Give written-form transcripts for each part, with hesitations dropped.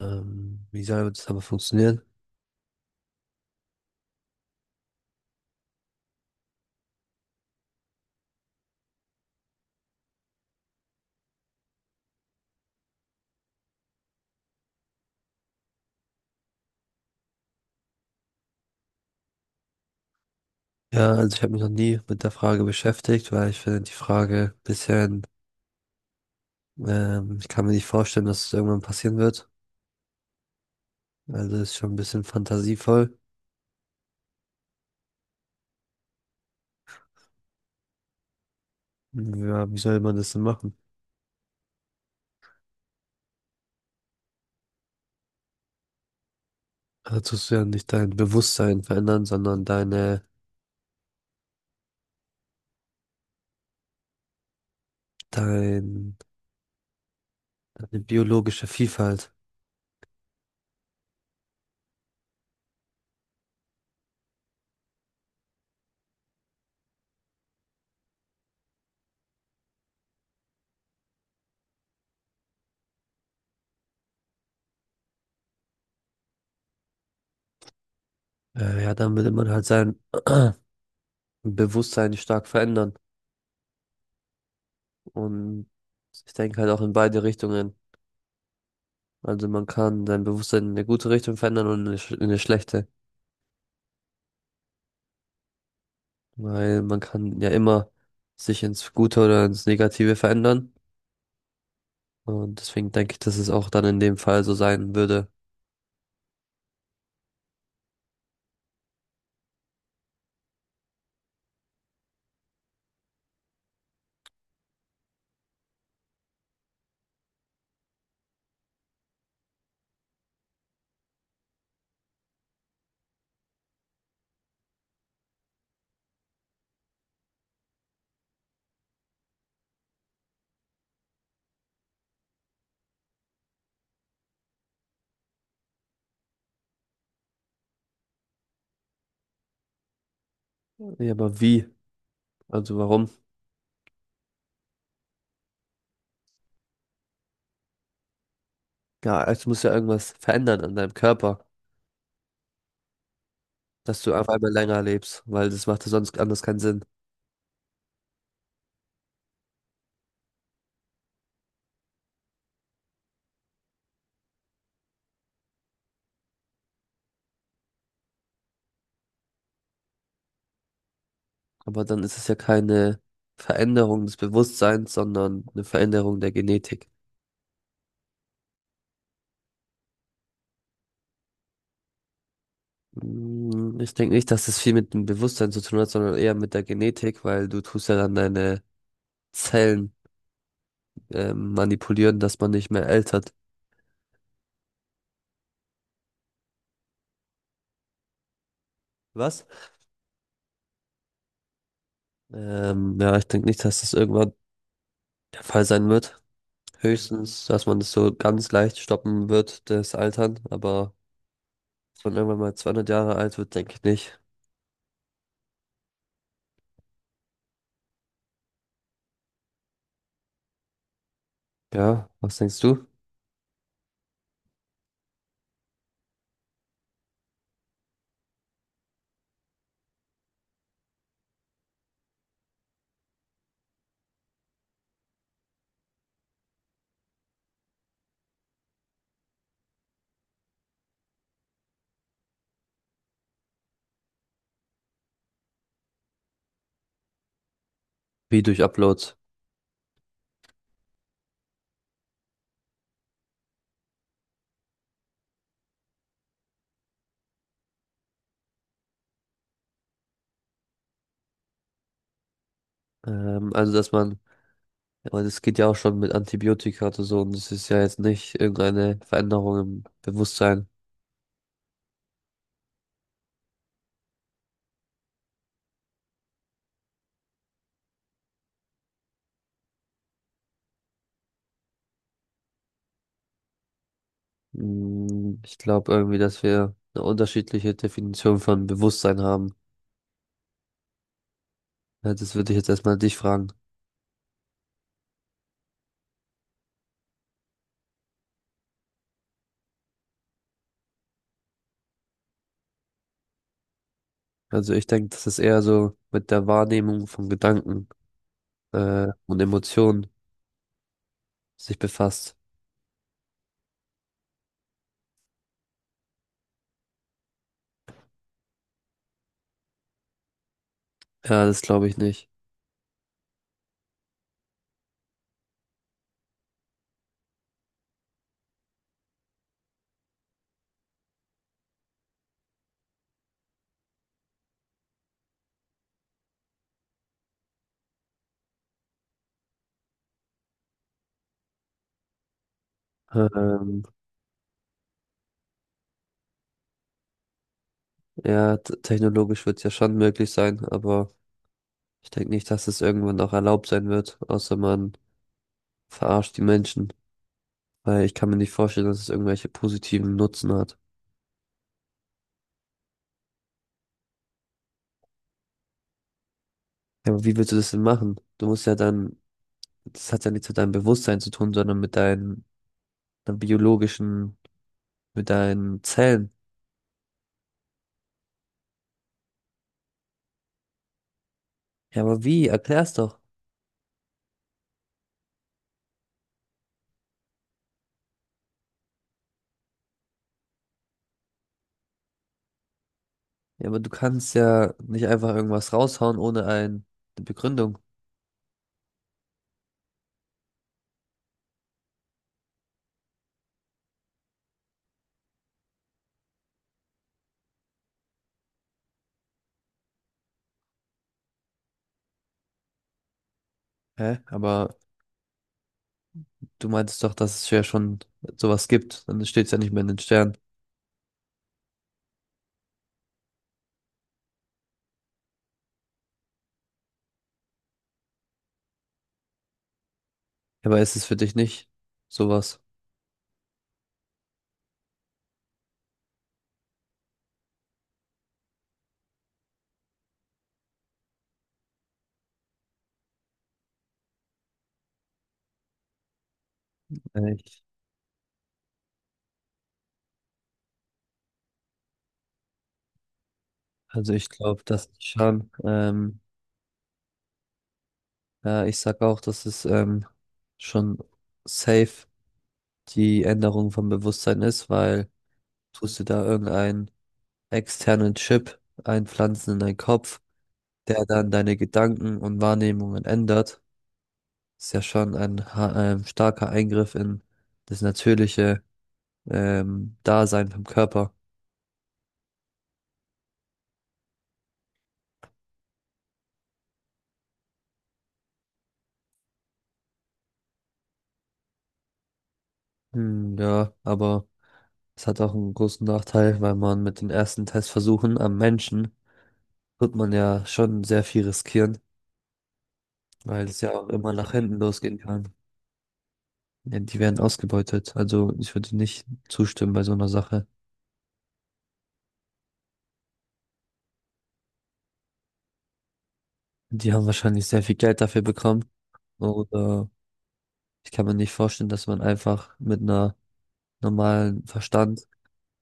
Wie soll das aber funktionieren? Ja, also ich habe mich noch nie mit der Frage beschäftigt, weil ich finde die Frage ein bisschen, ich kann mir nicht vorstellen, dass es irgendwann passieren wird. Also ist schon ein bisschen fantasievoll. Ja, wie soll man das denn machen? Da tust du ja nicht dein Bewusstsein verändern, sondern dein, deine biologische Vielfalt. Ja, dann will man halt sein Bewusstsein stark verändern. Und ich denke halt auch in beide Richtungen. Also man kann sein Bewusstsein in eine gute Richtung verändern und in in eine schlechte. Weil man kann ja immer sich ins Gute oder ins Negative verändern. Und deswegen denke ich, dass es auch dann in dem Fall so sein würde. Ja, aber wie? Also warum? Ja, es muss ja irgendwas verändern an deinem Körper, dass du auf einmal länger lebst, weil das macht ja sonst anders keinen Sinn. Aber dann ist es ja keine Veränderung des Bewusstseins, sondern eine Veränderung der Genetik. Ich denke nicht, dass das viel mit dem Bewusstsein zu tun hat, sondern eher mit der Genetik, weil du tust ja dann deine Zellen manipulieren, dass man nicht mehr altert. Was? Ja, ich denke nicht, dass das irgendwann der Fall sein wird. Höchstens, dass man das so ganz leicht stoppen wird, das Altern, aber dass man irgendwann mal 200 Jahre alt wird, denke ich nicht. Ja, was denkst du? Wie durch Uploads? Also, aber das geht ja auch schon mit Antibiotika oder so und das ist ja jetzt nicht irgendeine Veränderung im Bewusstsein. Mm, ich glaube irgendwie, dass wir eine unterschiedliche Definition von Bewusstsein haben. Ja, das würde ich jetzt erstmal dich fragen. Also ich denke, dass es eher so mit der Wahrnehmung von Gedanken und Emotionen sich befasst. Ja, das glaube ich nicht. Ähm, Technologisch wird es ja schon möglich sein, aber ich denke nicht, dass es irgendwann auch erlaubt sein wird, außer man verarscht die Menschen. Weil ich kann mir nicht vorstellen, dass es irgendwelche positiven Nutzen hat. Ja, aber wie willst du das denn machen? Du musst ja dann das hat ja nichts mit deinem Bewusstsein zu tun, sondern mit deinen biologischen, mit deinen Zellen. Ja, aber wie? Erklär's doch. Ja, aber du kannst ja nicht einfach irgendwas raushauen ohne eine Begründung. Hä? Aber du meintest doch, dass es ja schon sowas gibt. Dann steht's ja nicht mehr in den Sternen. Ja, aber ist es für dich nicht sowas? Äh, Ich, also ich glaube, dass schon, ja, Ich sag auch, dass es schon safe die Änderung vom Bewusstsein ist, weil tust du da irgendein externen Chip einpflanzen in deinen Kopf, der dann deine Gedanken und Wahrnehmungen ändert. Ist ja schon ein starker Eingriff in das natürliche Dasein vom Körper. Hm, ja, aber es hat auch einen großen Nachteil, weil man mit den ersten Testversuchen am Menschen wird man ja schon sehr viel riskieren, weil es ja auch immer nach hinten losgehen kann. Ja, die werden ausgebeutet. Also ich würde nicht zustimmen bei so einer Sache. Die haben wahrscheinlich sehr viel Geld dafür bekommen. Oder ich kann mir nicht vorstellen, dass man einfach mit einer normalen Verstand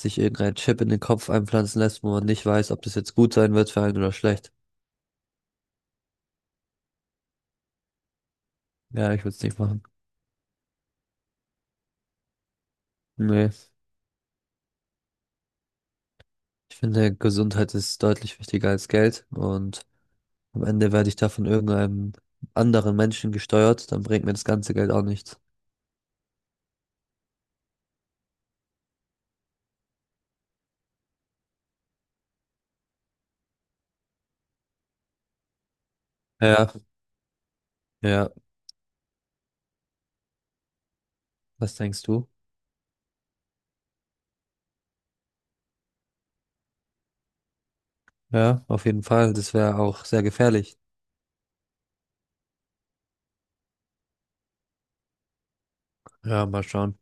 sich irgendein Chip in den Kopf einpflanzen lässt, wo man nicht weiß, ob das jetzt gut sein wird für einen oder schlecht. Ja, ich würde es nicht machen. Nee. Ich finde, Gesundheit ist deutlich wichtiger als Geld und am Ende werde ich da von irgendeinem anderen Menschen gesteuert, dann bringt mir das ganze Geld auch nichts. Ja, ja, was denkst du? Ja, auf jeden Fall, das wäre auch sehr gefährlich. Ja, mal schauen.